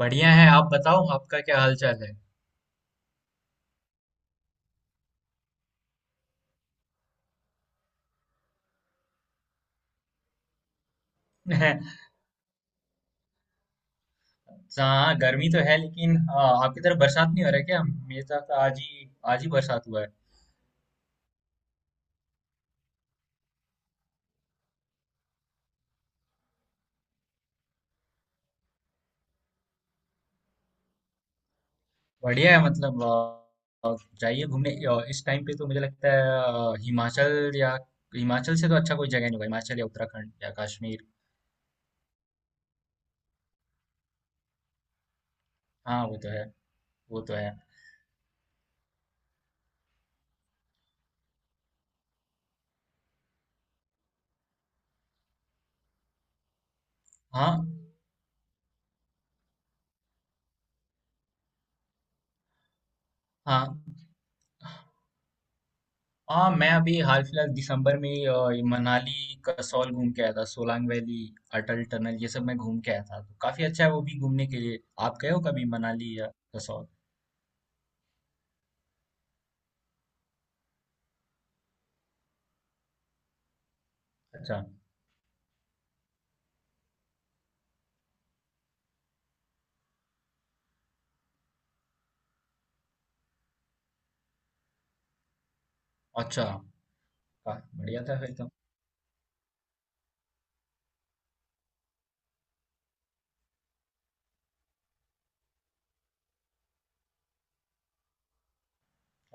बढ़िया है। आप बताओ आपका क्या हाल चाल है। हाँ, गर्मी तो है। लेकिन हाँ, आपकी तरफ बरसात नहीं हो रहा है क्या? मेरे तरफ तो आज ही बरसात हुआ है। बढ़िया है। मतलब जाइए घूमने। इस टाइम पे तो मुझे लगता है हिमाचल या हिमाचल से तो अच्छा कोई जगह नहीं होगा। हिमाचल या उत्तराखंड या कश्मीर। हाँ, वो तो है। वो तो है। हाँ, हाँ। हाँ, मैं अभी हाल फिलहाल दिसंबर में ये मनाली कसौल घूम के आया था। सोलांग वैली, अटल टनल, ये सब मैं घूम के आया था। तो काफी अच्छा है वो भी घूमने के लिए। आप गए हो कभी मनाली या कसौल? अच्छा। अच्छा। वाह, बढ़िया था फिर तो।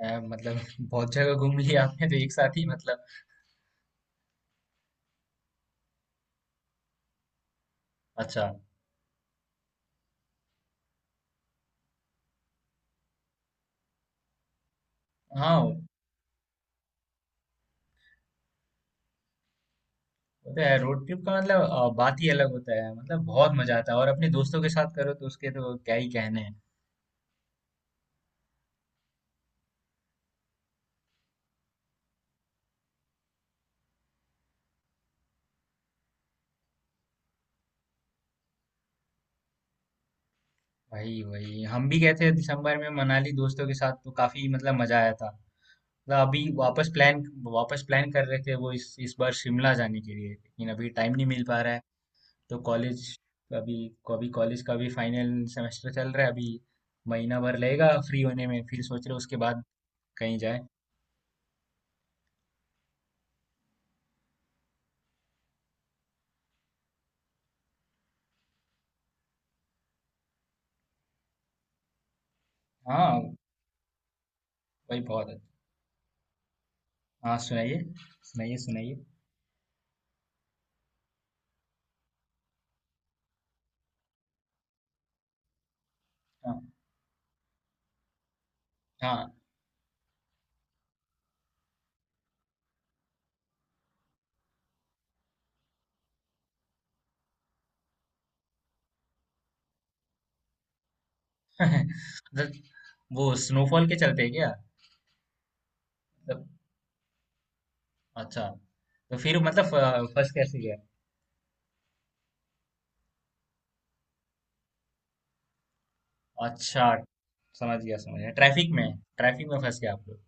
मतलब बहुत जगह घूम लिया आपने तो एक साथ ही। मतलब। अच्छा। हाँ, वो तो है। रोड ट्रिप का मतलब बात ही अलग होता है। मतलब बहुत मजा आता है, और अपने दोस्तों के साथ करो तो उसके तो क्या ही कहने हैं। वही वही, हम भी गए थे दिसंबर में मनाली दोस्तों के साथ, तो काफी मतलब मजा आया था। मतलब अभी वापस प्लान कर रहे थे वो इस बार शिमला जाने के लिए, लेकिन अभी टाइम नहीं मिल पा रहा है। तो कॉलेज अभी अभी कॉलेज का भी फाइनल सेमेस्टर चल रहा है अभी। महीना भर लगेगा फ्री होने में। फिर सोच रहे उसके बाद कहीं जाए। हाँ। भाई, बहुत अच्छा। हाँ, सुनाइए। सुनाइए। सुनाइए। हाँ, हाँ। मतलब। वो स्नोफॉल के चलते हैं क्या? मतलब। अच्छा। तो फिर मतलब फंस कैसे गया? अच्छा, समझ गया, समझ गया। ट्रैफिक में। ट्रैफिक में फंस गया आप लोग।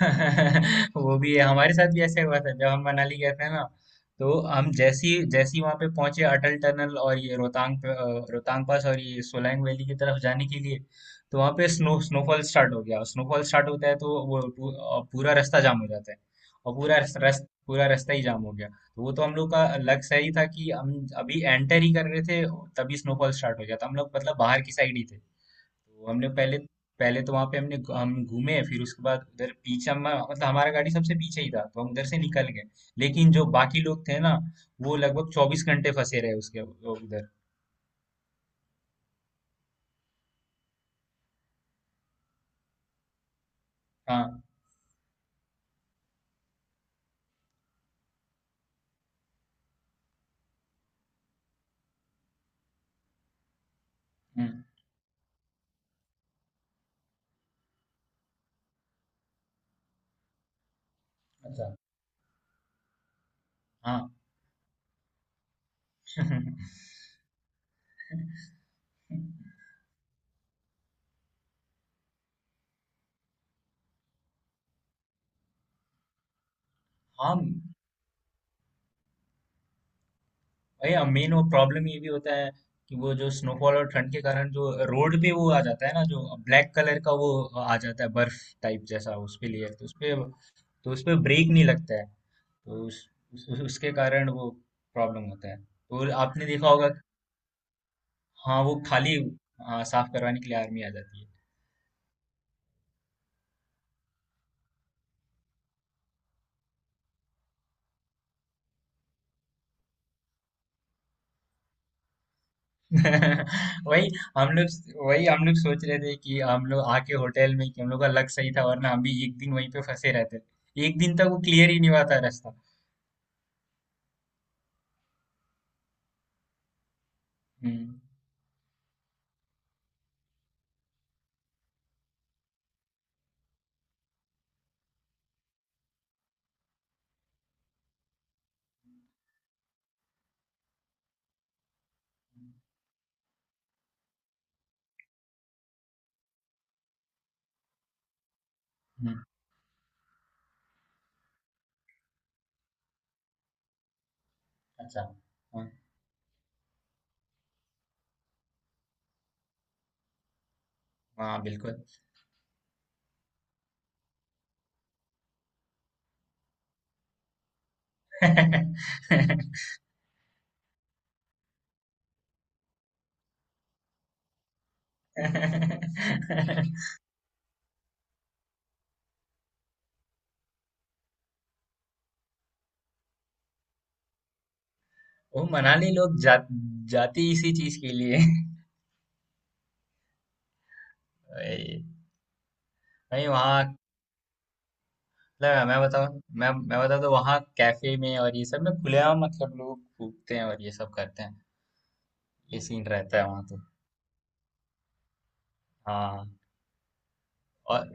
वो भी है। हमारे साथ भी ऐसा हुआ था जब हम मनाली गए थे ना। तो हम जैसी जैसी वहां पे पहुंचे अटल टनल और ये रोहतांग पास और ये सोलैंग वैली की तरफ जाने के लिए। तो वहां पे स्नोफॉल स्टार्ट हो गया। स्नोफॉल स्टार्ट होता है तो वो पूरा रास्ता जाम हो जाता है। और पूरा रास्ता ही जाम हो गया। तो वो तो हम लोग का लक सही था कि हम अभी एंटर ही कर रहे थे, तभी स्नोफॉल स्टार्ट हो गया था। हम लोग मतलब बाहर की साइड ही थे। तो हमने पहले, पहले तो वहां पे हमने हम घूमे। फिर उसके बाद उधर पीछे हम, मतलब हमारा गाड़ी सबसे पीछे ही था, तो हम उधर से निकल गए। लेकिन जो बाकी लोग थे ना, वो लगभग 24 घंटे फंसे रहे उसके उधर। हाँ। हम्म। अच्छा। हाँ। हाँ। भैया, मेन वो प्रॉब्लम ये भी होता है कि वो जो स्नोफॉल और ठंड के कारण जो रोड पे वो आ जाता है ना, जो ब्लैक कलर का वो आ जाता है बर्फ टाइप जैसा, उस पे लेयर, तो उस पे ब्रेक नहीं लगता है। तो उसके कारण वो प्रॉब्लम होता है। और आपने देखा होगा। हाँ, वो खाली। हाँ, साफ करवाने के लिए आर्मी आ जाती है। वही। हम लोग सोच रहे थे कि हम लोग आके होटल में, कि हम लोग का लक सही था, वरना हम भी एक दिन वहीं पे फंसे रहते। एक दिन तक वो क्लियर ही नहीं हुआ था रास्ता। हम्म। हम्म। अच्छा। हाँ। हाँ, बिल्कुल। वो मनाली लोग जाते ही इसी चीज के लिए। भाई, भाई, वहाँ मतलब मैं बताऊँ तो वहाँ कैफे में और ये सब में खुलेआम मतलब लोग कूदते हैं और ये सब करते हैं। ये सीन रहता है वहाँ तो। हाँ। और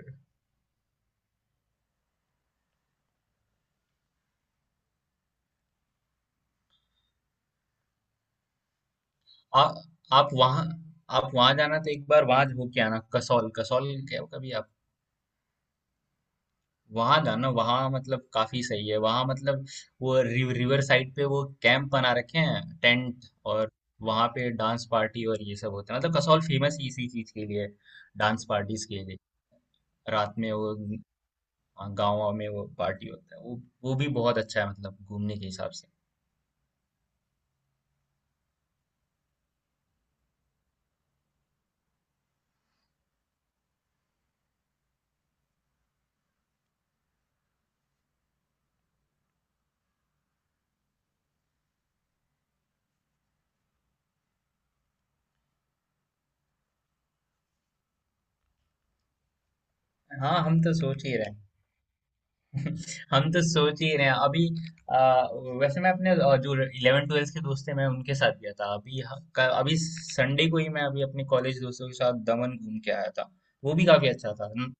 आ, आप वहाँ आप वहाँ जाना तो एक बार वहाँ होके आना। कसौल कसौल गए हो कभी आप? वहाँ जाना। वहाँ मतलब काफी सही है। वहाँ मतलब वो रिवर साइड पे वो कैंप बना रखे हैं, टेंट। और वहाँ पे डांस पार्टी और ये सब होता है। मतलब कसौल फेमस इसी चीज के लिए। डांस पार्टीज के लिए। रात में वो, हाँ, गाँव में वो पार्टी होता है। वो भी बहुत अच्छा है मतलब घूमने के हिसाब से। हाँ, हम तो सोच ही रहे हैं। हम तो सोच ही रहे हैं अभी। आ, वैसे मैं अपने जो 11वीं 12वीं के दोस्त थे मैं उनके साथ गया था। अभी अभी संडे को ही, मैं अभी अपने कॉलेज दोस्तों के साथ दमन घूम के आया था। वो भी काफी अच्छा था। हम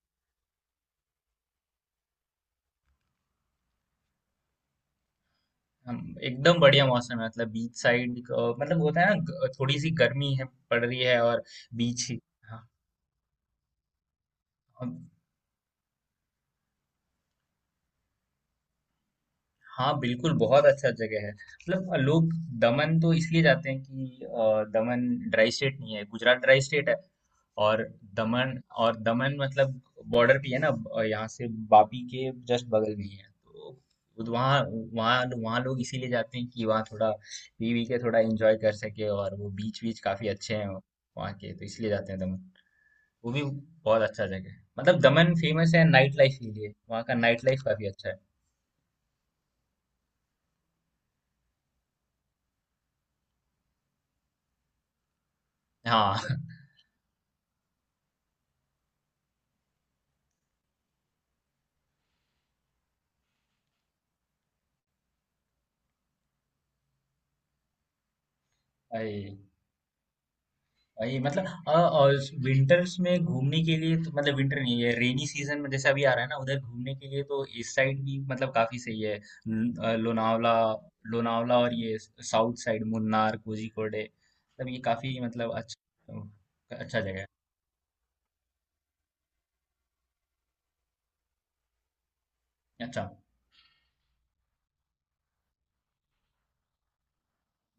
हम- एकदम बढ़िया मौसम है। मतलब बीच साइड, मतलब होता है ना, थोड़ी सी गर्मी है पड़ रही है। और बीच ही, हाँ, हाँ, बिल्कुल, बहुत अच्छा जगह है। मतलब लोग दमन तो इसलिए जाते हैं कि दमन ड्राई स्टेट नहीं है, गुजरात ड्राई स्टेट है। और दमन और दमन मतलब बॉर्डर पे है ना। यहाँ से वापी के जस्ट बगल में ही है। तो वो तो, वहाँ वहाँ वहाँ लोग इसीलिए जाते हैं कि वहाँ थोड़ा पी वी के थोड़ा एंजॉय कर सके, और वो बीच बीच काफी अच्छे हैं वहाँ के, तो इसलिए जाते हैं दमन। वो भी बहुत अच्छा जगह है। मतलब दमन फेमस है नाइट लाइफ के लिए, वहाँ का नाइट लाइफ काफी अच्छा है। हाँ। अई। भाई मतलब और विंटर्स में घूमने के लिए तो, मतलब विंटर नहीं है, रेनी सीजन में, जैसे अभी आ रहा है ना, उधर घूमने के लिए तो इस साइड भी मतलब काफी सही है। लोनावला। लोनावला और ये साउथ साइड, मुन्नार, कोझिकोड, मतलब ये काफी मतलब अच्छा, अच्छा जगह है। अच्छा।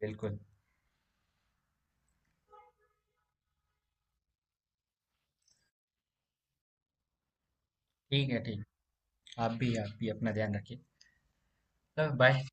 बिल्कुल। ठीक है। ठीक। आप भी अपना ध्यान रखिए। बाय।